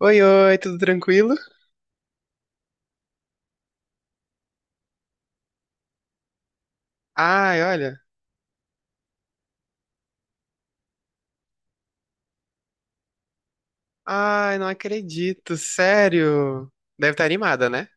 Oi, oi, tudo tranquilo? Ai, olha. Ai, não acredito, sério. Deve estar animada, né?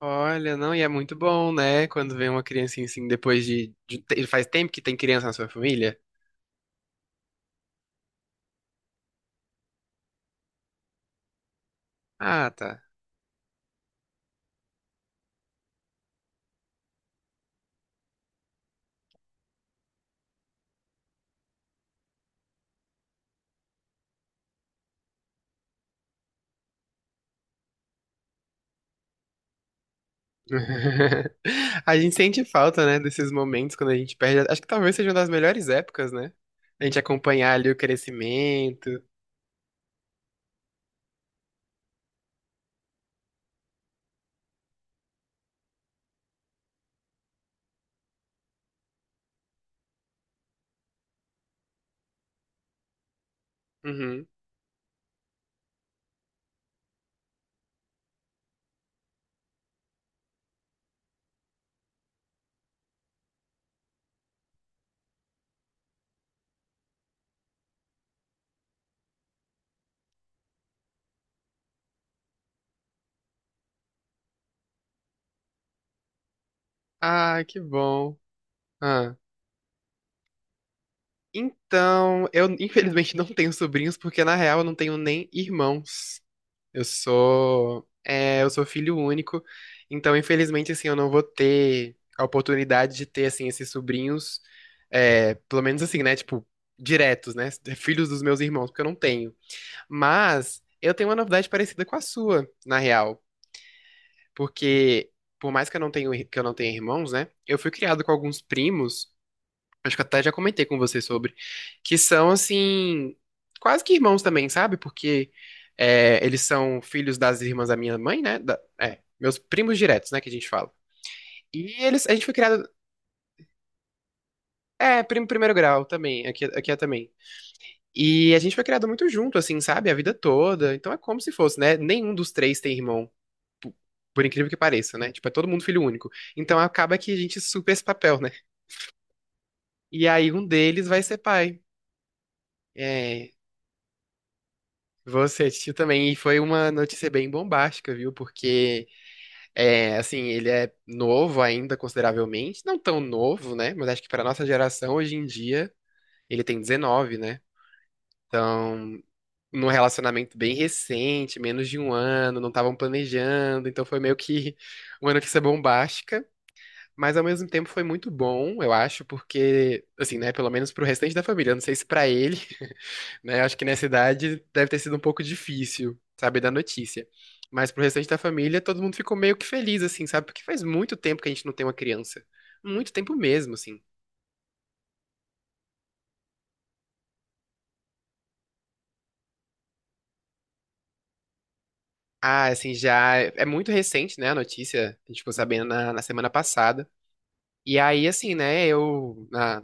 Olha, não, e é muito bom, né? Quando vem uma criancinha assim, depois Faz tempo que tem criança na sua família? Ah, tá. A gente sente falta, né, desses momentos quando a gente perde. Acho que talvez seja uma das melhores épocas, né? A gente acompanhar ali o crescimento. Uhum. Ah, que bom. Ah. Então, eu infelizmente não tenho sobrinhos, porque na real eu não tenho nem irmãos. Eu sou filho único, então infelizmente assim eu não vou ter a oportunidade de ter assim esses sobrinhos, pelo menos assim, né, tipo, diretos, né, filhos dos meus irmãos, porque eu não tenho. Mas eu tenho uma novidade parecida com a sua, na real, porque por mais que eu não tenha irmãos, né, eu fui criado com alguns primos acho que até já comentei com você sobre, que são, assim, quase que irmãos também, sabe? Porque eles são filhos das irmãs da minha mãe, né? Meus primos diretos, né, que a gente fala. E eles, a gente foi criado, É, primo primeiro grau também, aqui é também. E a gente foi criado muito junto, assim, sabe? A vida toda, então é como se fosse, né? Nenhum dos três tem irmão. po- Por incrível que pareça, né? Tipo, é todo mundo filho único. Então acaba que a gente supera esse papel, né? E aí um deles vai ser pai. É, você assistiu também, e foi uma notícia bem bombástica, viu? Porque, assim, ele é novo ainda, consideravelmente. Não tão novo, né? Mas acho que para nossa geração, hoje em dia, ele tem 19, né? Então, num relacionamento bem recente, menos de um ano, não estavam planejando. Então, foi meio que uma notícia bombástica. Mas, ao mesmo tempo, foi muito bom, eu acho, porque, assim, né? Pelo menos pro restante da família. Eu não sei se para ele, né? Eu acho que nessa idade deve ter sido um pouco difícil saber da notícia. Mas pro restante da família, todo mundo ficou meio que feliz, assim, sabe? Porque faz muito tempo que a gente não tem uma criança. Muito tempo mesmo, assim. Ah, assim, já. É muito recente, né, a notícia. A gente ficou sabendo na semana passada. E aí, assim, né,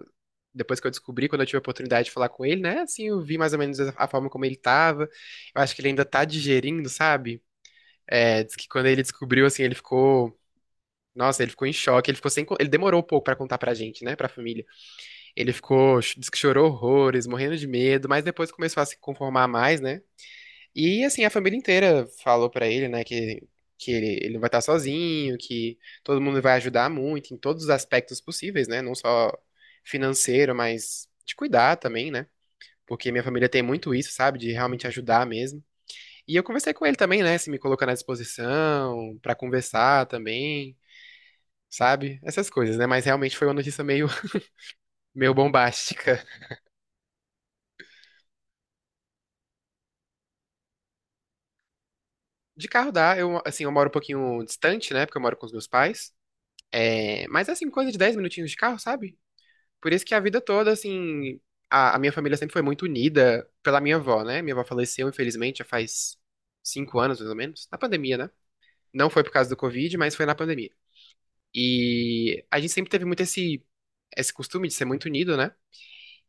depois que eu descobri, quando eu tive a oportunidade de falar com ele, né, assim, eu vi mais ou menos a forma como ele tava. Eu acho que ele ainda tá digerindo, sabe? É, diz que quando ele descobriu, assim, ele ficou nossa, ele ficou em choque, ele ficou sem, co- ele demorou um pouco pra contar pra gente, né, pra família. Ele ficou, disse que chorou horrores, morrendo de medo, mas depois começou a se conformar mais, né? E assim, a família inteira falou pra ele, né, que ele não vai estar sozinho, que todo mundo vai ajudar muito em todos os aspectos possíveis, né? Não só financeiro, mas de cuidar também, né? Porque minha família tem muito isso, sabe? De realmente ajudar mesmo. E eu conversei com ele também, né? Se me colocando à disposição, pra conversar também, sabe? Essas coisas, né? Mas realmente foi uma notícia meio, meio bombástica. De carro dá, assim, eu moro um pouquinho distante, né? Porque eu moro com os meus pais. É, mas, assim, coisa de 10 minutinhos de carro, sabe? Por isso que a vida toda, assim, a minha família sempre foi muito unida pela minha avó, né? Minha avó faleceu, infelizmente, já faz 5 anos, mais ou menos, na pandemia, né? Não foi por causa do Covid, mas foi na pandemia. E a gente sempre teve muito esse costume de ser muito unido, né?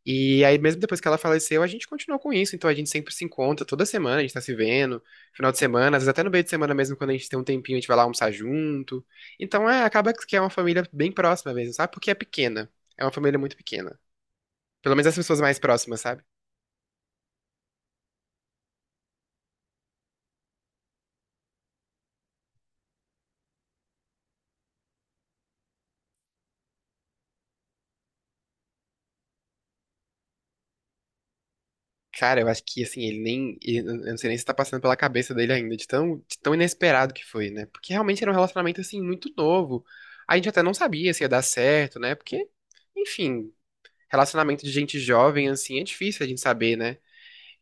E aí, mesmo depois que ela faleceu, a gente continuou com isso. Então, a gente sempre se encontra toda semana, a gente tá se vendo, final de semana, às vezes até no meio de semana mesmo, quando a gente tem um tempinho, a gente vai lá almoçar junto. Então, é, acaba que é uma família bem próxima mesmo, sabe? Porque é pequena. É uma família muito pequena. Pelo menos as pessoas mais próximas, sabe? Cara, eu acho que, assim, ele nem. Ele- eu não sei nem se tá passando pela cabeça dele ainda, de tão inesperado que foi, né? Porque realmente era um relacionamento, assim, muito novo. A gente até não sabia se ia dar certo, né? Porque. Enfim, relacionamento de gente jovem, assim, é difícil a gente saber, né?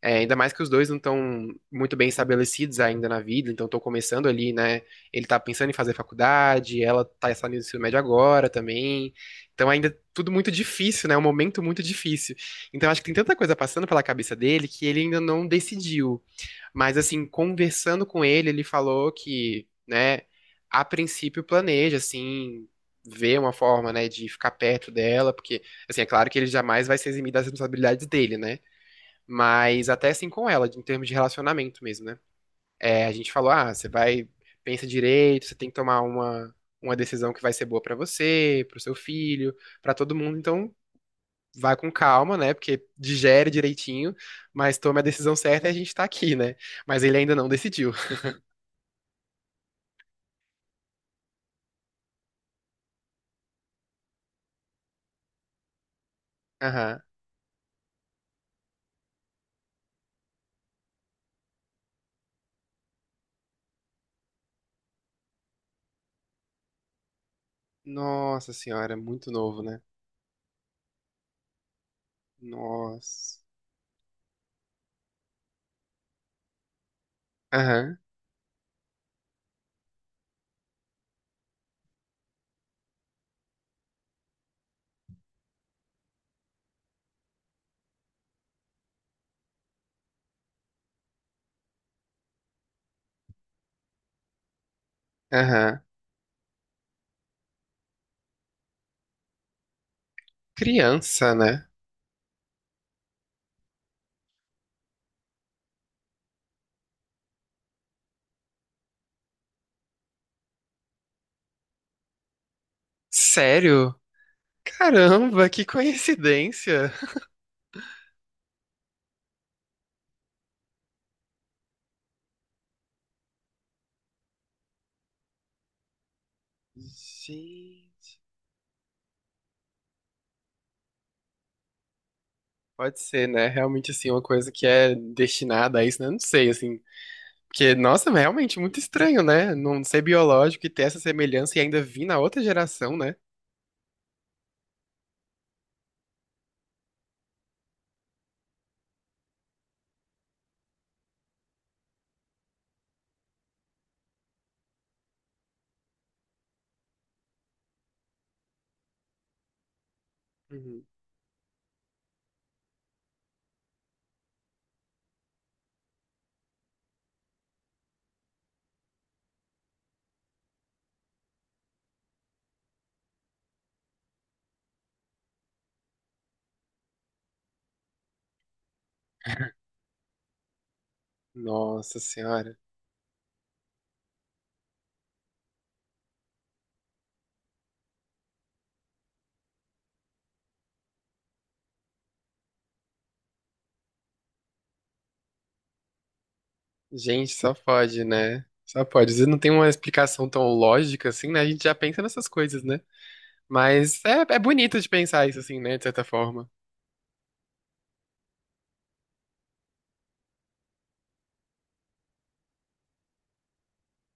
É, ainda mais que os dois não estão muito bem estabelecidos ainda na vida, então estão começando ali, né? Ele tá pensando em fazer faculdade, ela tá saindo do ensino médio agora também. Então ainda tudo muito difícil, né? Um momento muito difícil. Então acho que tem tanta coisa passando pela cabeça dele que ele ainda não decidiu. Mas assim, conversando com ele, ele falou que, né, a princípio planeja, assim, ver uma forma, né, de ficar perto dela, porque, assim, é claro que ele jamais vai se eximir das responsabilidades dele, né? Mas até assim com ela, em termos de relacionamento mesmo, né? É, a gente falou, ah, você vai, pensa direito, você tem que tomar uma decisão que vai ser boa pra você, pro seu filho, pra todo mundo, então vai com calma, né? Porque digere direitinho, mas tome a decisão certa e a gente tá aqui, né? Mas ele ainda não decidiu. Aham. Nossa senhora, muito novo, né? Nossa. Aham, aham. Criança, né? Sério? Caramba, que coincidência. Gente, pode ser, né? Realmente, assim, uma coisa que é destinada a isso, né? Não sei, assim. Porque, nossa, é realmente muito estranho, né? Não ser biológico e ter essa semelhança e ainda vir na outra geração, né? Uhum. Nossa senhora. Gente, só pode, né? Só pode. Às vezes não tem uma explicação tão lógica assim, né? A gente já pensa nessas coisas, né? Mas é, é bonito de pensar isso assim, né? De certa forma.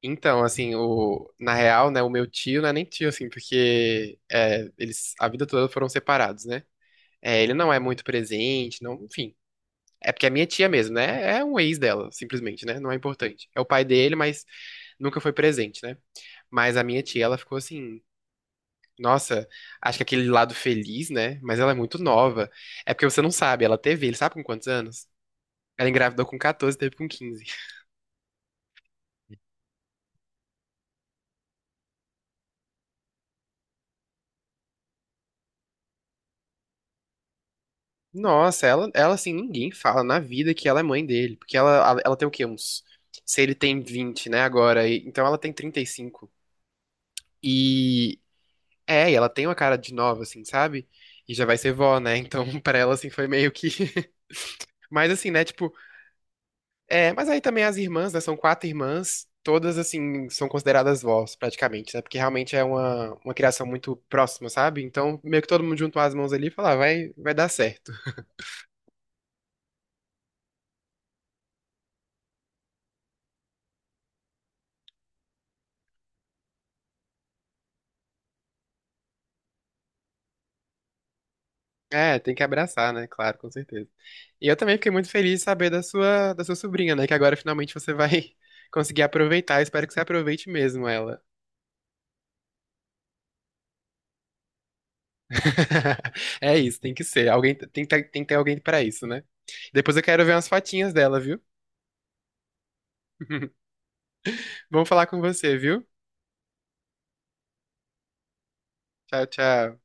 Então, assim, na real, né, o meu tio não é nem tio, assim, porque é, eles a vida toda foram separados, né? É, ele não é muito presente, não, enfim. É porque é minha tia mesmo, né? É um ex dela, simplesmente, né? Não é importante. É o pai dele, mas nunca foi presente, né? Mas a minha tia, ela ficou assim, nossa, acho que aquele lado feliz, né? Mas ela é muito nova. É porque você não sabe, ela teve, ele sabe com quantos anos? Ela engravidou com 14, teve com 15. Nossa, ela assim, ninguém fala na vida que ela é mãe dele. Porque ela tem o quê? Uns. Se ele tem 20 né, então ela tem 35. E cinco. E ela tem uma cara de nova, assim, sabe? E já vai ser vó, né? Então pra ela, assim, foi meio que. Mas assim, né, tipo. É, mas aí também as irmãs, né? São quatro irmãs. Todas, assim, são consideradas vós, praticamente, né? Porque realmente é uma criação muito próxima, sabe? Então meio que todo mundo juntou as mãos ali e falou, ah, vai, vai dar certo. É, tem que abraçar, né? Claro, com certeza. E eu também fiquei muito feliz de saber da sua sobrinha, né? Que agora finalmente você vai conseguir aproveitar. Eu espero que você aproveite mesmo ela. É isso, tem que ser. Alguém tem que ter alguém pra isso, né? Depois eu quero ver umas fotinhas dela, viu? Vamos falar com você, viu? Tchau, tchau.